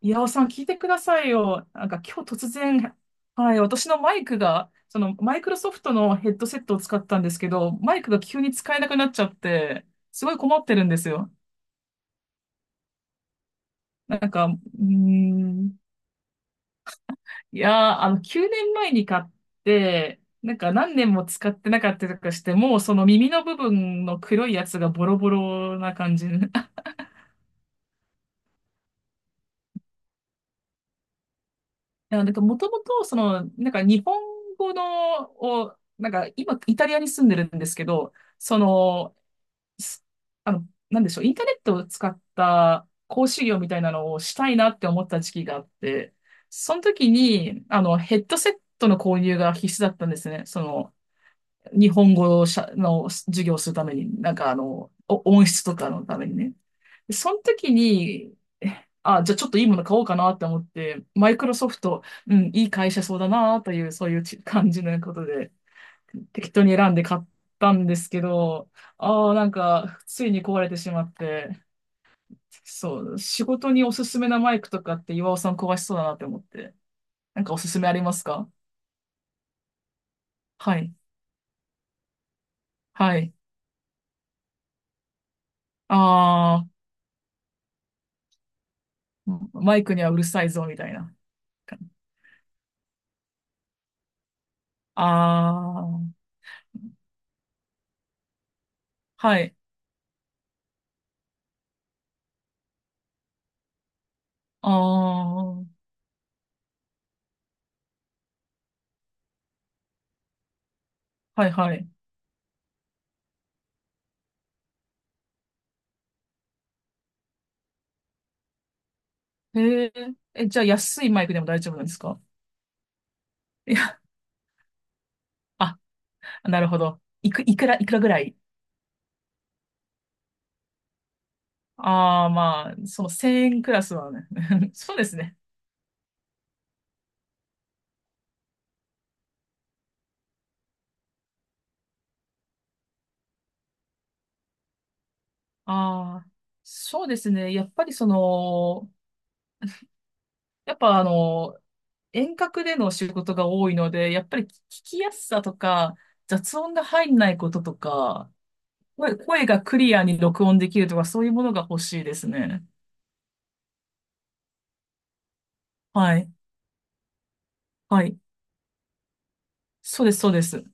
岩尾さん、聞いてくださいよ。なんか今日突然、はい、私のマイクが、そのマイクロソフトのヘッドセットを使ったんですけど、マイクが急に使えなくなっちゃって、すごい困ってるんですよ。なんか、うーん、いやー、9年前に買って、なんか何年も使ってなかったりとかして、もうその耳の部分の黒いやつがボロボロな感じ。いや、なんかもともと、その、なんか日本語の、を、なんか今、イタリアに住んでるんですけど、その、すなんでしょう、インターネットを使った講師業みたいなのをしたいなって思った時期があって、その時に、ヘッドセットの購入が必須だったんですね。その、日本語をしゃの授業をするために、なんかお音質とかのためにね。でその時に、あ、じゃあちょっといいもの買おうかなって思って、マイクロソフト、うん、いい会社そうだなという、そういう感じのことで、適当に選んで買ったんですけど、ああ、なんか、ついに壊れてしまって、そう、仕事におすすめなマイクとかって岩尾さん壊しそうだなって思って、なんかおすすめありますか？はい、はい。ああ、マイクにはうるさいぞ、みたいな。ああ、はい、ああ、はい、はい。へえ、え、じゃあ安いマイクでも大丈夫なんですか？いや、あ、なるほど。いくらぐらい？ああ、まあ、その1円クラスはね。そうですね。ああ、そうですね。やっぱりその、やっぱ遠隔での仕事が多いので、やっぱり聞きやすさとか、雑音が入んないこととか、声がクリアに録音できるとか、そういうものが欲しいですね。はい。はい。そうです、そうです。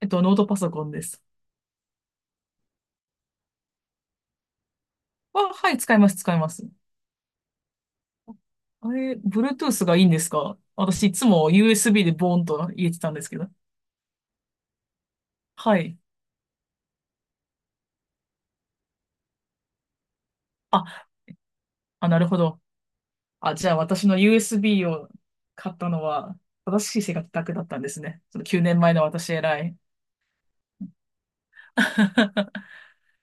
ノートパソコンです。あ、はい、使います、使います。あれ、Bluetooth がいいんですか？私、いつも USB でボーンと入れてたんですけど。はい。あ、あ、なるほど。あ、じゃあ私の USB を買ったのは正しい生活だけだったんですね。その9年前の私偉い。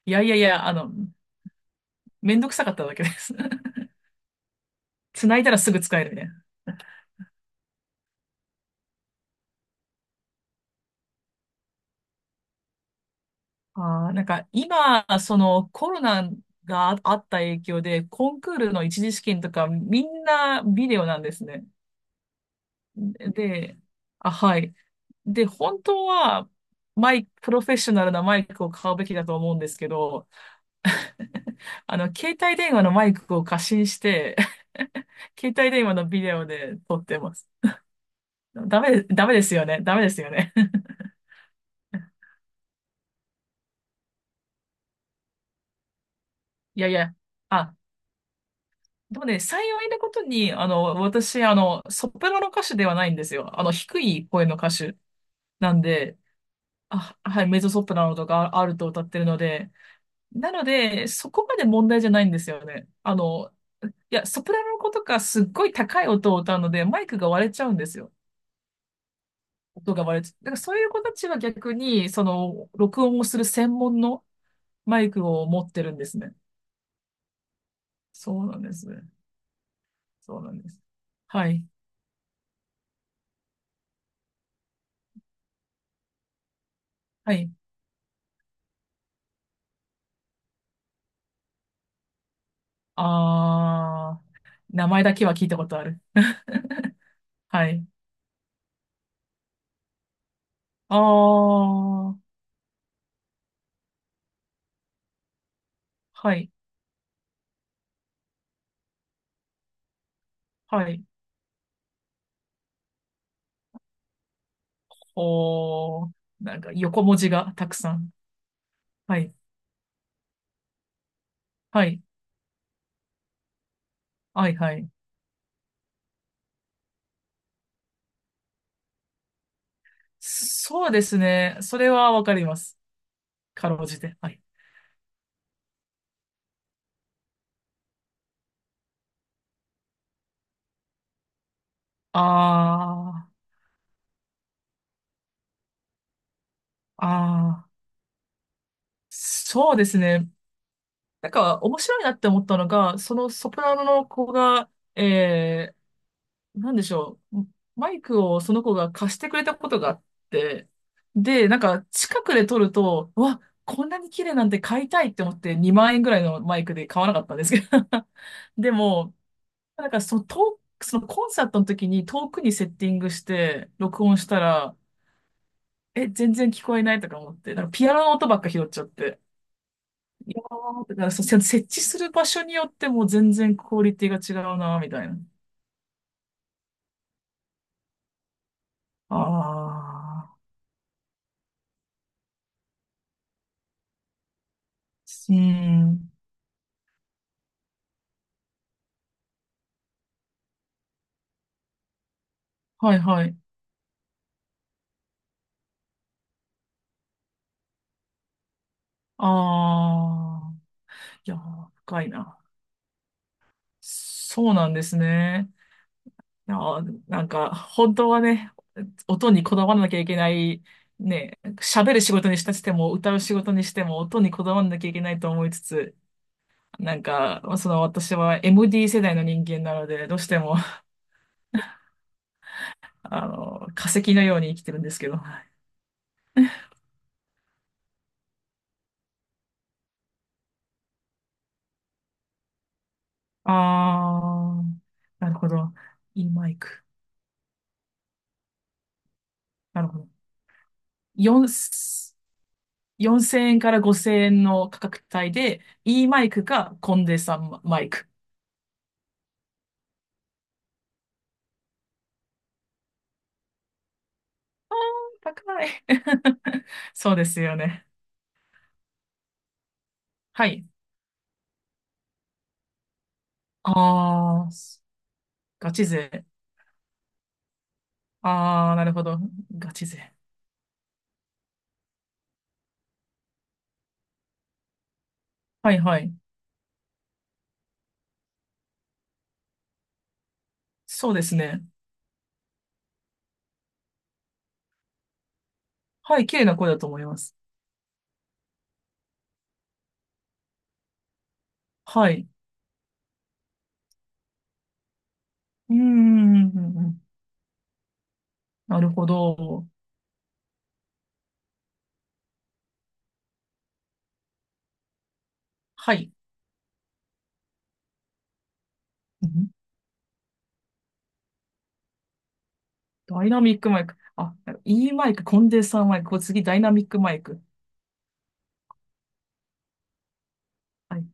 いやいやいや、めんどくさかっただけです。繋いだらすぐ使えるね。あー、なんか今、そのコロナがああった影響で、コンクールの一次試験とかみんなビデオなんですね。で、あ、はい。で、本当はマイク、プロフェッショナルなマイクを買うべきだと思うんですけど、携帯電話のマイクを過信して、携帯電話のビデオで撮ってます。ダメ、ダメですよね。ダメですよね。いやいや、あ、でもね、幸いなことに、私、ソプラノ歌手ではないんですよ。低い声の歌手なんで、あ、はい、メゾソプラノとかアルトを歌ってるので、なので、そこまで問題じゃないんですよね。いや、ソプラノの子とかすっごい高い音を歌うので、マイクが割れちゃうんですよ。音が割れて、だからそういう子たちは逆に、その、録音をする専門のマイクを持ってるんですね。そうなんですね。そうなんです。はい。はい。あー、名前だけは聞いたことある。はい。あー、はい。はい。おー、なんか横文字がたくさん。はい。はい。はい、はい。そうですね。それはわかります。かろうじて。はい。あー、あー、そうですね。なんか面白いなって思ったのが、そのソプラノの子が、えなんでしょう、マイクをその子が貸してくれたことがあって、で、なんか近くで撮ると、うわ、こんなに綺麗なんて買いたいって思って2万円ぐらいのマイクで買わなかったんですけど。でも、なんかその遠く、そのコンサートの時に遠くにセッティングして録音したら、え、全然聞こえないとか思って、なんかピアノの音ばっか拾っちゃって。あーだからそう、設置する場所によっても全然クオリティが違うな、みたいな。ああ、うん。はいはい。ああ、いやー、深いな。そうなんですね。いやー、なんか、本当はね、音にこだわらなきゃいけない、ね、喋る仕事にしたとしても、歌う仕事にしても、音にこだわらなきゃいけないと思いつつ、なんか、その私は MD 世代の人間なので、どうしても、化石のように生きてるんですけど。ああ、なるほど。いいマイク。なるほど。4、4000円から5000円の価格帯で、いいマイクかコンデンサーマイク。あー高い。そうですよね。はい。ああ、ガチ勢。ああ、なるほど。ガチ勢。はいはい。そうですね。はい、綺麗な声だと思います。はい。うーん。なるほど。はい。ダイナミックマイク。あ、E マイク、コンデンサーマイク。これ次、ダイナミックマイク。はい。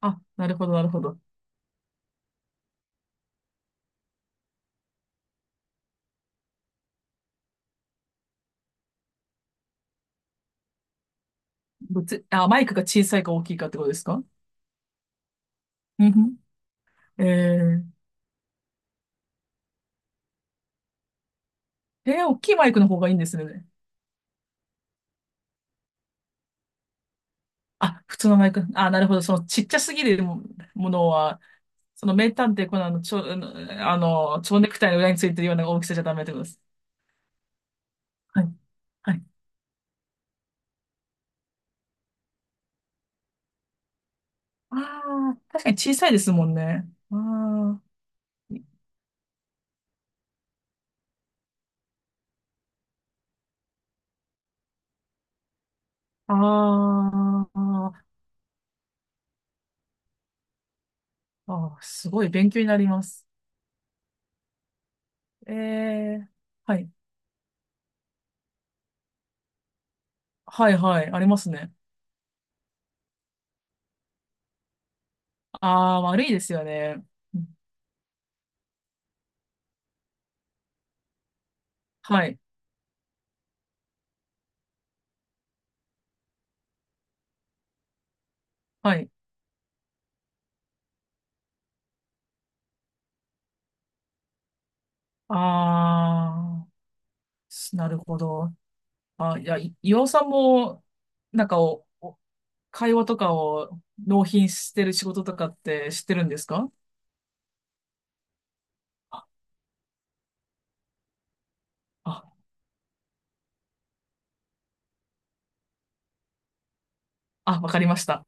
あ、なるほど、なるほど。どっち、あ、マイクが小さいか大きいかってことですか？うんふん。えー、えー大きいマイクの方がいいんですね。あ、普通のマイク。あ、なるほど。そのちっちゃすぎるもものは、その名探偵コナンのちょ、あの、あの蝶ネクタイの裏についてるような大きさじゃダメってことです。はい。はい。ああ、確かに小さいですもんね。ああ、あーあー、すごい勉強になります。ええはい。はいはい。ありますね。ああ、悪いですよね。うんはい。はい。ああ、なるほど。あ、いや、岩尾さんも、なんか会話とかを納品してる仕事とかって知ってるんですか？あ、あ、わかりました。